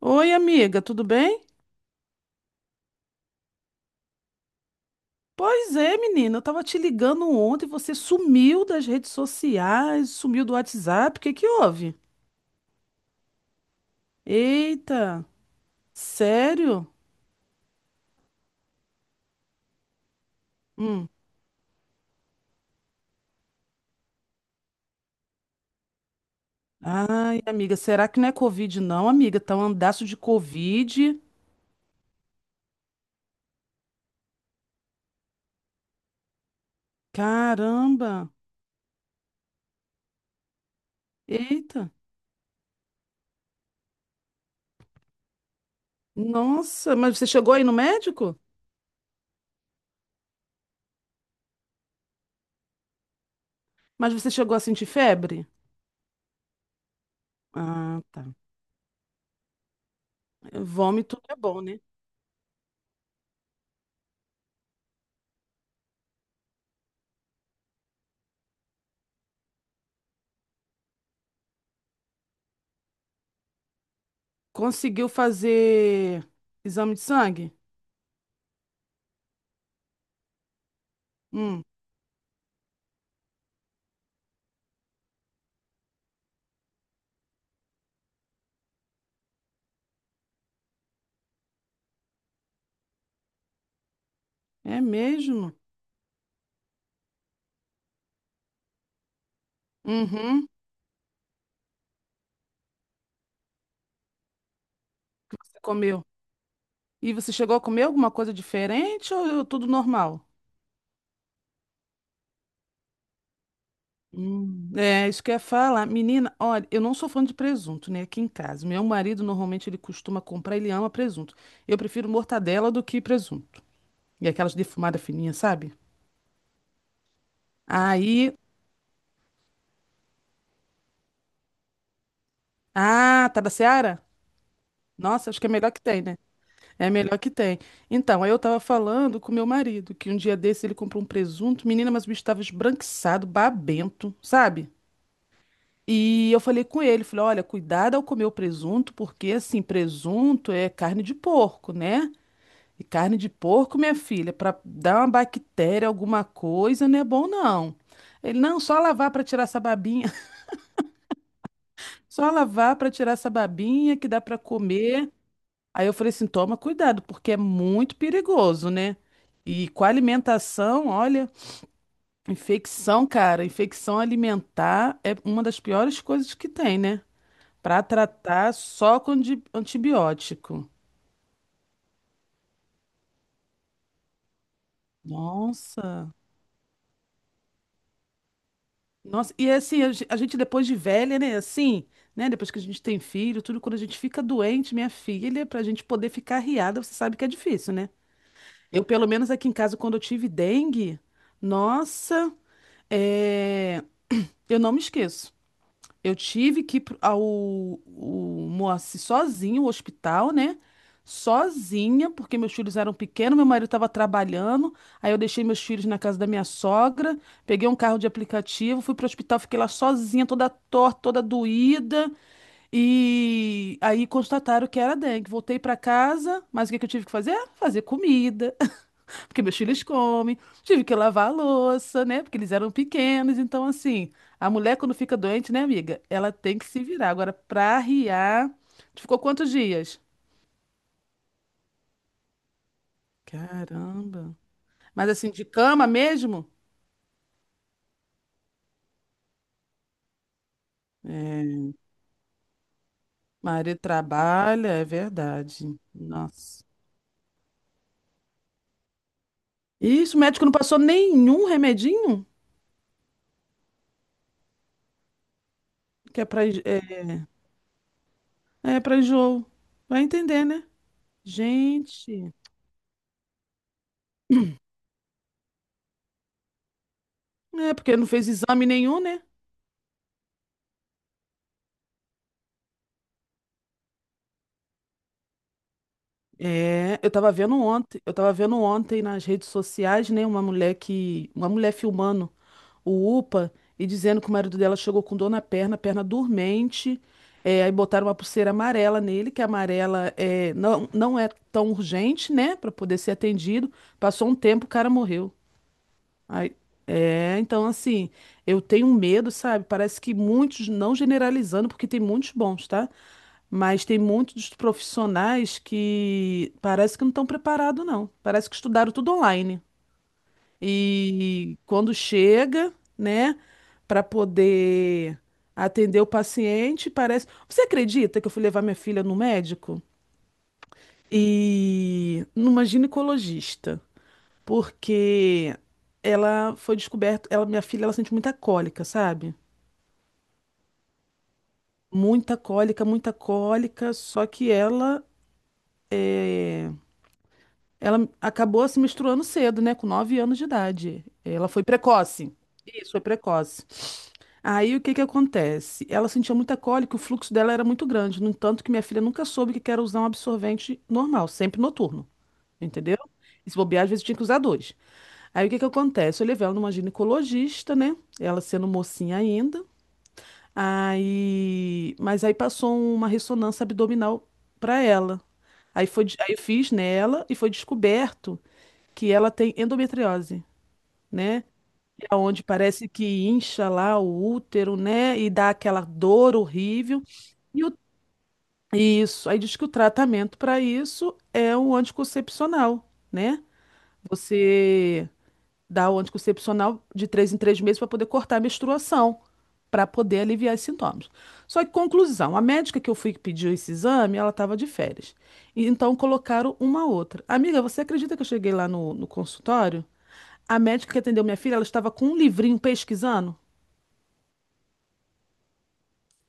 Oi, amiga, tudo bem? Pois é, menina, eu tava te ligando ontem, você sumiu das redes sociais, sumiu do WhatsApp, o que que houve? Eita, sério? Hum. Ai, amiga, será que não é Covid não, amiga? Tá um andaço de Covid. Caramba. Eita. Nossa, mas você chegou aí no médico? Mas você chegou a sentir febre? Ah, tá. Vômito é bom, né? Conseguiu fazer exame de sangue? Hum. É mesmo? Uhum. Que você comeu. E você chegou a comer alguma coisa diferente ou tudo normal? É, isso que eu ia falar. Menina, olha, eu não sou fã de presunto, né? Aqui em casa. Meu marido normalmente ele costuma comprar, ele ama presunto. Eu prefiro mortadela do que presunto. E aquelas defumadas fininhas, sabe? Aí. Ah, tá da Seara? Nossa, acho que é melhor que tem, né? É melhor que tem. Então, aí eu tava falando com meu marido que um dia desse ele comprou um presunto. Menina, mas o bicho tava esbranquiçado, babento, sabe? E eu falei com ele, falei, olha, cuidado ao comer o presunto, porque assim, presunto é carne de porco, né? E carne de porco, minha filha, para dar uma bactéria, alguma coisa, não é bom não. Ele, não, só lavar para tirar essa babinha, só lavar para tirar essa babinha que dá para comer. Aí eu falei assim, toma cuidado, porque é muito perigoso, né? E com a alimentação, olha, infecção, cara, infecção alimentar é uma das piores coisas que tem, né? Para tratar só com antibiótico. Nossa. Nossa, e assim, a gente depois de velha, né? Assim, né? Depois que a gente tem filho, tudo, quando a gente fica doente, minha filha, pra gente poder ficar arriada, você sabe que é difícil, né? Eu, pelo menos aqui em casa, quando eu tive dengue, nossa, é, eu não me esqueço. Eu tive que ir ao o Moacir sozinho, o hospital, né? Sozinha, porque meus filhos eram pequenos, meu marido estava trabalhando. Aí eu deixei meus filhos na casa da minha sogra, peguei um carro de aplicativo, fui pro hospital, fiquei lá sozinha, toda torta, toda doída. E aí constataram que era dengue. Voltei para casa, mas o que que eu tive que fazer? Fazer comida porque meus filhos comem, tive que lavar a louça, né? Porque eles eram pequenos. Então, assim, a mulher quando fica doente, né, amiga? Ela tem que se virar. Agora, pra arriar, tu ficou quantos dias? Caramba. Mas assim, de cama mesmo? Marido trabalha, é verdade. Nossa. Isso, o médico não passou nenhum remedinho que é pra, é pra enjoo. Vai entender, né? Gente. É, porque não fez exame nenhum, né? É, eu tava vendo ontem nas redes sociais, né, uma mulher filmando o UPA e dizendo que o marido dela chegou com dor na perna, perna dormente, é, aí botaram uma pulseira amarela nele, que a amarela é, não, não é tão urgente, né, pra poder ser atendido. Passou um tempo, o cara morreu. Aí, é, então assim, eu tenho medo, sabe? Parece que muitos, não generalizando, porque tem muitos bons, tá? Mas tem muitos profissionais que parece que não estão preparados, não. Parece que estudaram tudo online. E quando chega, né, para poder atender o paciente, parece. Você acredita que eu fui levar minha filha no médico? E numa ginecologista, porque ela foi descoberta, ela, minha filha, ela sente muita cólica, sabe? Muita cólica, só que ela acabou se menstruando cedo, né? Com 9 anos de idade. Ela foi precoce. Isso, foi precoce. Aí o que que acontece? Ela sentia muita cólica, o fluxo dela era muito grande. No entanto, que minha filha nunca soube que era usar um absorvente normal, sempre noturno. Entendeu? E se bobear, às vezes tinha que usar dois. Aí o que que acontece? Eu levei ela numa ginecologista, né? Ela sendo mocinha ainda. Aí. Mas aí passou uma ressonância abdominal pra ela. Aí foi, aí eu fiz nela e foi descoberto que ela tem endometriose, né? Que é onde parece que incha lá o útero, né? E dá aquela dor horrível. E o- isso, aí diz que o tratamento para isso é o anticoncepcional, né? Você dá o anticoncepcional de 3 em 3 meses para poder cortar a menstruação, para poder aliviar os sintomas. Só que, conclusão, a médica que eu fui que pediu esse exame, ela estava de férias. E então colocaram uma outra. Amiga, você acredita que eu cheguei lá no consultório? A médica que atendeu minha filha, ela estava com um livrinho pesquisando.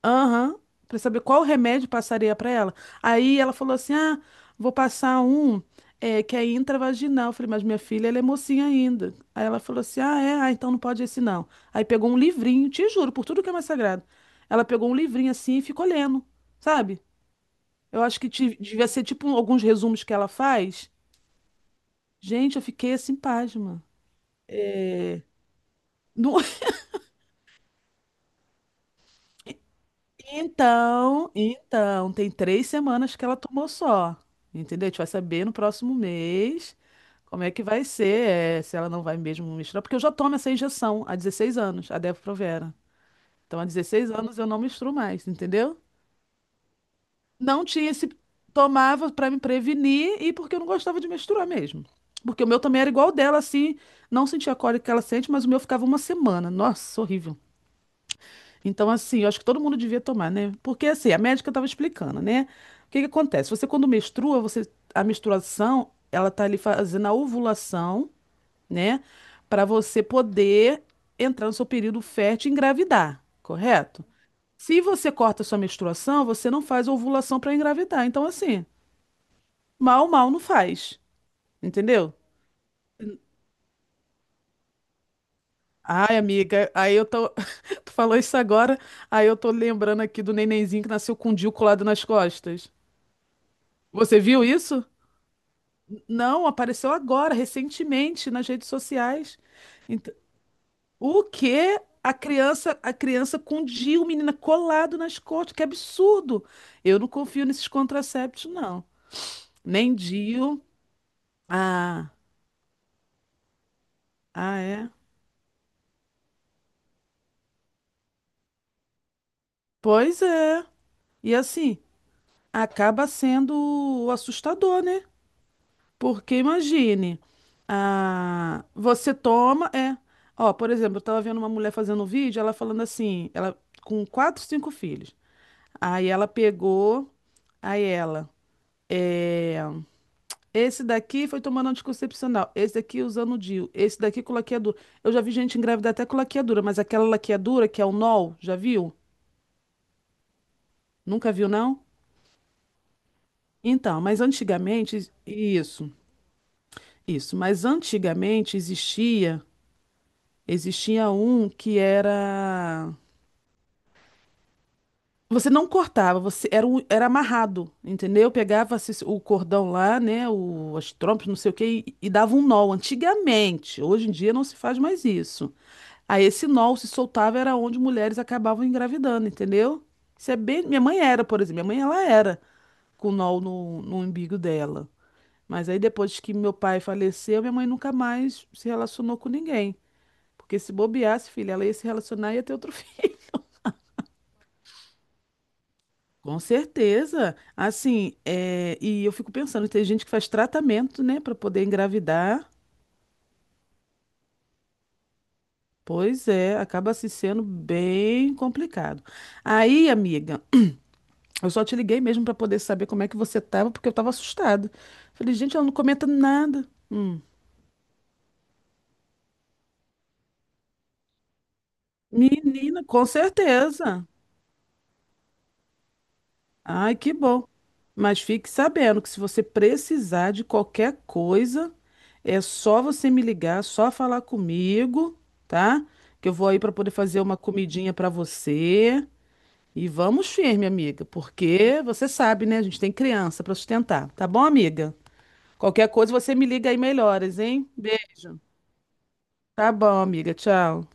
Aham. Pra saber qual remédio passaria pra ela. Aí ela falou assim: Ah, vou passar um que é intravaginal. Eu falei, mas minha filha, ela é mocinha ainda. Aí ela falou assim: Ah, é? Ah, então não pode esse não. Aí pegou um livrinho, te juro, por tudo que é mais sagrado. Ela pegou um livrinho assim e ficou lendo, sabe? Eu acho que devia ser tipo alguns resumos que ela faz. Gente, eu fiquei assim, pasma. Não- então, tem 3 semanas que ela tomou só. Entendeu? A gente vai saber no próximo mês como é que vai ser, é, se ela não vai mesmo misturar, porque eu já tomo essa injeção há 16 anos, a Depo-Provera. Então, há 16 anos eu não misturo mais, entendeu? Não tinha esse. Tomava pra me prevenir e porque eu não gostava de misturar mesmo. Porque o meu também era igual o dela, assim, não sentia a cólica que ela sente, mas o meu ficava uma semana. Nossa, horrível. Então, assim, eu acho que todo mundo devia tomar, né? Porque, assim, a médica estava explicando, né? O que que acontece? Você, quando menstrua, você, a menstruação, ela tá ali fazendo a ovulação, né? Para você poder entrar no seu período fértil e engravidar, correto? Se você corta a sua menstruação, você não faz ovulação para engravidar. Então, assim, mal, mal não faz, entendeu? Ai, amiga, aí eu tô. Tu falou isso agora, aí eu tô lembrando aqui do nenenzinho que nasceu com o DIU colado nas costas. Você viu isso? Não, apareceu agora, recentemente, nas redes sociais. Ent- o quê? A criança com o DIU, menina, colado nas costas, que absurdo! Eu não confio nesses contraceptivos, não. Nem DIU. Ah, ah, é? Pois é. E assim, acaba sendo assustador, né? Porque imagine, ah, você toma, é. Ó, por exemplo, eu tava vendo uma mulher fazendo um vídeo, ela falando assim, ela com quatro, cinco filhos. Aí ela pegou, aí ela, é, esse daqui foi tomando anticoncepcional, esse daqui usando o DIU, esse daqui com laqueadura. Eu já vi gente engravidar até com laqueadura, mas aquela laqueadura que é o NOL, já viu? Nunca viu, não? Então, mas antigamente, isso, isso, mas antigamente existia. Existia um que era. Você não cortava, você era, era amarrado, entendeu? Pegava o cordão lá, né? O, as trompas, não sei o quê, e dava um nó. Antigamente, hoje em dia não se faz mais isso. Aí esse nó se soltava era onde mulheres acabavam engravidando, entendeu? Isso é bem. Minha mãe era, por exemplo. Minha mãe ela era com nó no, umbigo dela. Mas aí depois que meu pai faleceu, minha mãe nunca mais se relacionou com ninguém. Porque se bobeasse, filha, ela ia se relacionar e ia ter outro. Com certeza. Assim, é, e eu fico pensando, tem gente que faz tratamento, né, para poder engravidar. Pois é, acaba se sendo bem complicado. Aí, amiga, eu só te liguei mesmo para poder saber como é que você tava, porque eu tava assustada. Falei, gente, ela não comenta nada. Hum. Menina, com certeza. Ai, que bom. Mas fique sabendo que se você precisar de qualquer coisa, é só você me ligar, só falar comigo, tá? Que eu vou aí para poder fazer uma comidinha para você. E vamos firme, amiga, porque você sabe, né? A gente tem criança para sustentar, tá bom, amiga? Qualquer coisa você me liga aí melhoras, hein? Beijo. Tá bom, amiga. Tchau.